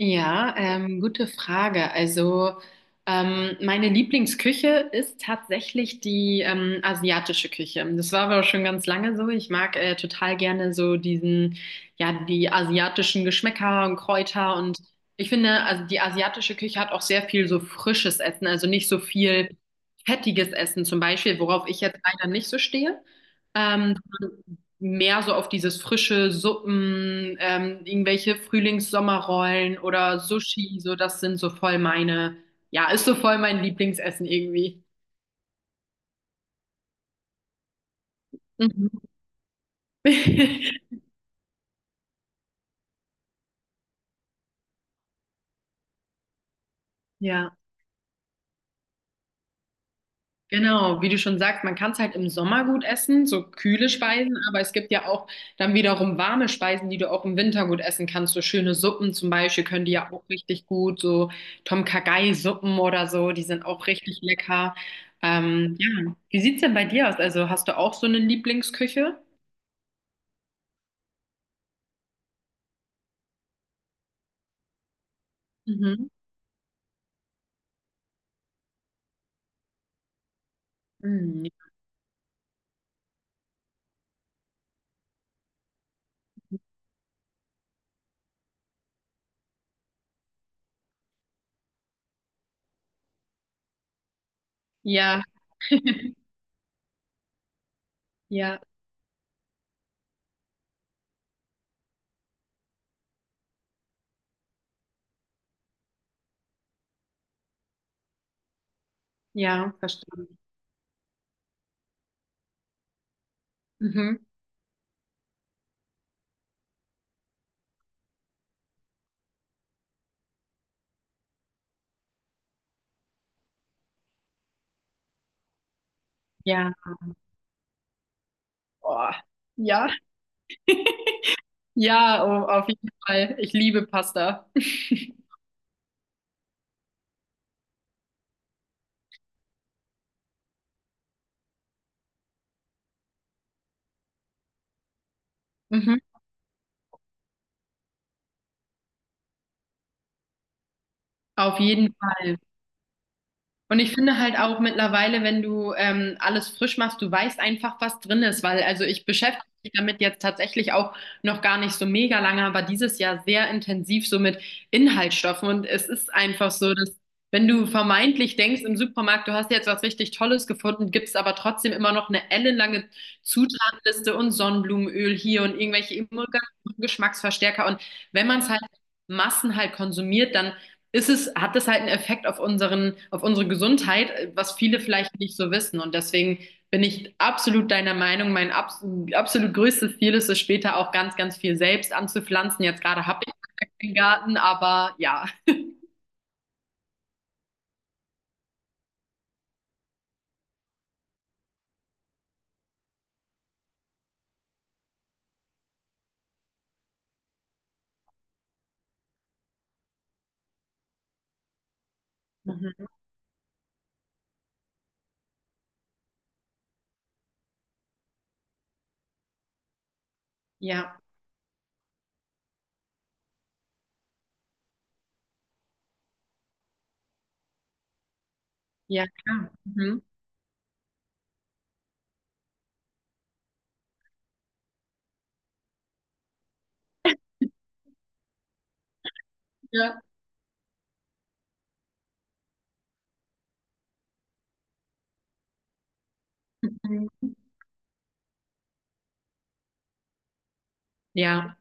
Ja, gute Frage. Also meine Lieblingsküche ist tatsächlich die asiatische Küche. Das war aber auch schon ganz lange so. Ich mag total gerne so die asiatischen Geschmäcker und Kräuter. Und ich finde, also die asiatische Küche hat auch sehr viel so frisches Essen, also nicht so viel fettiges Essen zum Beispiel, worauf ich jetzt leider nicht so stehe. Ähm, Mehr so auf dieses frische Suppen, irgendwelche Frühlings-Sommerrollen oder Sushi, so das sind so voll ist so voll mein Lieblingsessen irgendwie. Mhm. Ja. Genau, wie du schon sagst, man kann es halt im Sommer gut essen, so kühle Speisen, aber es gibt ja auch dann wiederum warme Speisen, die du auch im Winter gut essen kannst. So schöne Suppen zum Beispiel können die ja auch richtig gut, so Tom Kha-Gai-Suppen oder so, die sind auch richtig lecker. Ja, wie sieht's denn bei dir aus? Also hast du auch so eine Lieblingsküche? Mhm. Mhm. Ja, ja, ja, verstanden. Mhm. Ja, boah. Ja, ja, oh, auf jeden Fall. Ich liebe Pasta. Mhm. Auf jeden Fall. Und ich finde halt auch mittlerweile, wenn du alles frisch machst, du weißt einfach, was drin ist, weil also ich beschäftige mich damit jetzt tatsächlich auch noch gar nicht so mega lange, aber dieses Jahr sehr intensiv so mit Inhaltsstoffen. Und es ist einfach so, dass wenn du vermeintlich denkst im Supermarkt, du hast jetzt was richtig Tolles gefunden, gibt es aber trotzdem immer noch eine ellenlange Zutatenliste und Sonnenblumenöl hier und irgendwelche Emulgatoren, Geschmacksverstärker. Und wenn man es halt Massen halt konsumiert, dann ist es, hat das halt einen Effekt auf auf unsere Gesundheit, was viele vielleicht nicht so wissen. Und deswegen bin ich absolut deiner Meinung. Mein absolut größtes Ziel ist es später auch ganz, ganz viel selbst anzupflanzen. Jetzt gerade habe ich keinen Garten, aber ja. Mhm. Ja, ja, klar. Mhm. Ja. Mhm. Ja.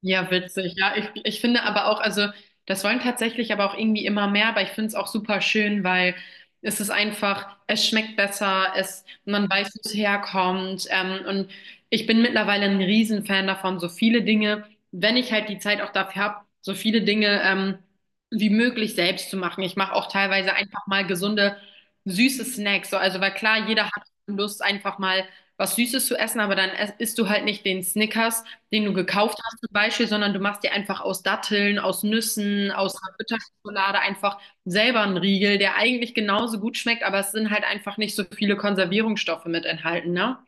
Ja, witzig. Ja, ich finde aber auch, also das wollen tatsächlich aber auch irgendwie immer mehr, aber ich finde es auch super schön, weil es ist einfach, es schmeckt besser, es, man weiß, wo es herkommt. Und ich bin mittlerweile ein Riesenfan davon, so viele Dinge, wenn ich halt die Zeit auch dafür habe, so viele Dinge wie möglich selbst zu machen. Ich mache auch teilweise einfach mal gesunde, süße Snacks. So, also, weil klar, jeder hat Lust, einfach mal was Süßes zu essen, aber dann isst du halt nicht den Snickers, den du gekauft hast zum Beispiel, sondern du machst dir einfach aus Datteln, aus Nüssen, aus einer Bitterschokolade einfach selber einen Riegel, der eigentlich genauso gut schmeckt, aber es sind halt einfach nicht so viele Konservierungsstoffe mit enthalten, ne?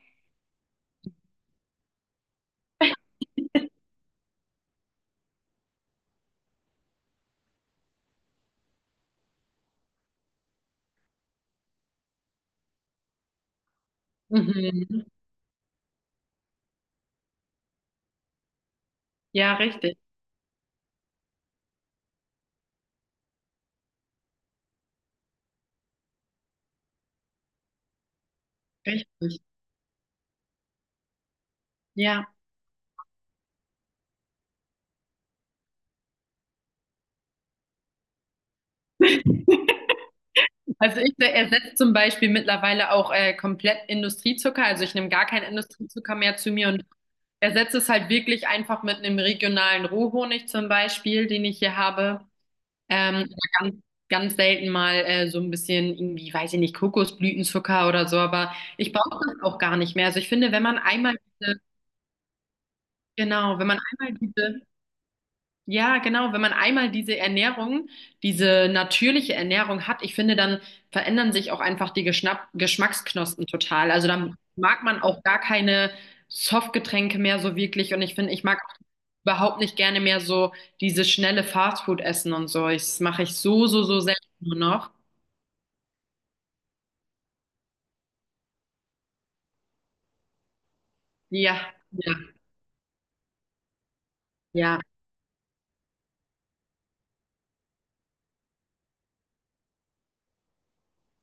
Mhm. Ja, richtig. Richtig. Ja. Also ich ersetze zum Beispiel mittlerweile auch komplett Industriezucker. Also ich nehme gar keinen Industriezucker mehr zu mir und ersetze es halt wirklich einfach mit einem regionalen Rohhonig zum Beispiel, den ich hier habe. Ähm, aber ganz, ganz selten mal so ein bisschen irgendwie, weiß ich nicht, Kokosblütenzucker oder so, aber ich brauche das auch gar nicht mehr. Also ich finde, wenn genau, wenn ja, genau, wenn man einmal diese natürliche Ernährung hat, ich finde, dann verändern sich auch einfach die Geschnapp Geschmacksknospen total. Also dann mag man auch gar keine Softgetränke mehr so wirklich. Und ich finde, ich mag auch überhaupt nicht gerne mehr so dieses schnelle Fastfood essen und so. Das mache ich so selten nur noch. Ja, ja, ja,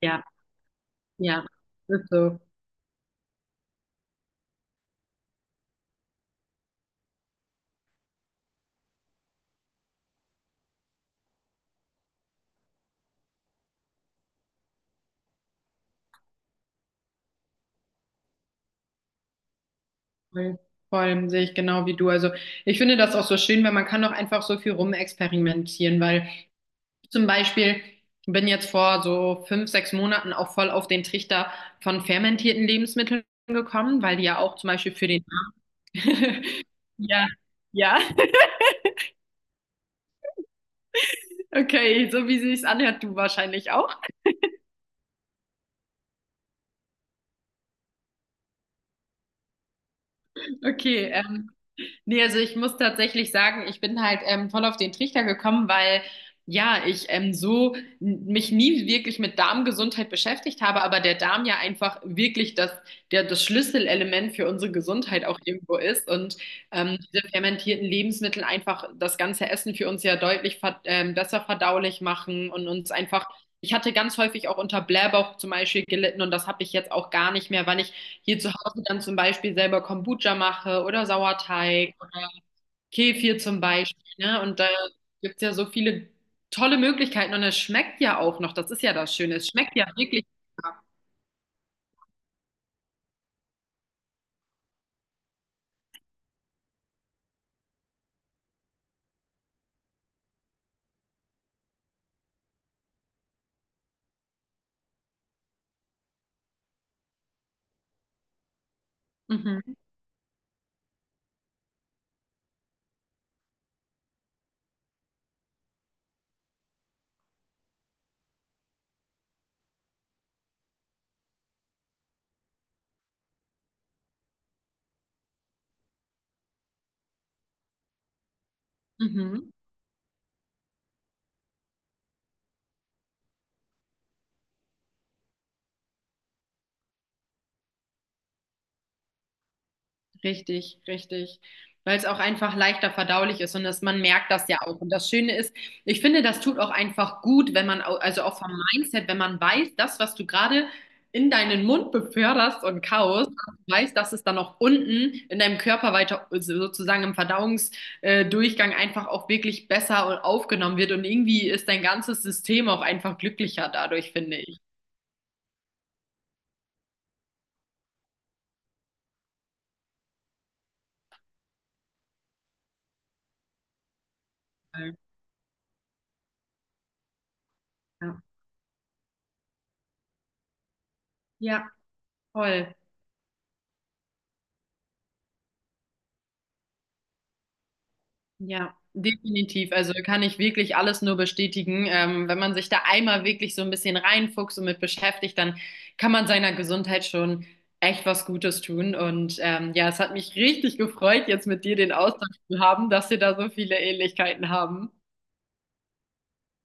ja, ja. Ist so. Voll, voll sehe ich genau wie du. Also ich finde das auch so schön, weil man kann doch einfach so viel rumexperimentieren, weil ich zum Beispiel bin jetzt vor so fünf, sechs Monaten auch voll auf den Trichter von fermentierten Lebensmitteln gekommen, weil die ja auch zum Beispiel für den Ja, ja. Okay, so wie sie es anhört, du wahrscheinlich auch. Okay, nee, also ich muss tatsächlich sagen, ich bin halt voll auf den Trichter gekommen, weil ja, ich mich nie wirklich mit Darmgesundheit beschäftigt habe, aber der Darm ja einfach wirklich der, das Schlüsselelement für unsere Gesundheit auch irgendwo ist. Und diese fermentierten Lebensmittel einfach das ganze Essen für uns ja deutlich ver besser verdaulich machen und uns einfach, ich hatte ganz häufig auch unter Blähbauch zum Beispiel gelitten und das habe ich jetzt auch gar nicht mehr, weil ich hier zu Hause dann zum Beispiel selber Kombucha mache oder Sauerteig oder Kefir zum Beispiel. Ne? Und da gibt es ja so viele tolle Möglichkeiten und es schmeckt ja auch noch. Das ist ja das Schöne. Es schmeckt ja wirklich. Mhm. Mhm. Richtig, richtig. Weil es auch einfach leichter verdaulich ist und dass man merkt das ja auch. Und das Schöne ist, ich finde, das tut auch einfach gut, wenn man, also auch vom Mindset, wenn man weiß, das, was du gerade in deinen Mund beförderst und kaust, weiß, dass es dann auch unten in deinem Körper weiter, also sozusagen im Verdauungsdurchgang einfach auch wirklich besser und aufgenommen wird. Und irgendwie ist dein ganzes System auch einfach glücklicher dadurch, finde ich. Ja, ja, voll. Ja, definitiv. Also kann ich wirklich alles nur bestätigen. Wenn man sich da einmal wirklich so ein bisschen reinfuchst und mit beschäftigt, dann kann man seiner Gesundheit schon echt was Gutes tun. Und ja, es hat mich richtig gefreut, jetzt mit dir den Austausch zu haben, dass wir da so viele Ähnlichkeiten haben.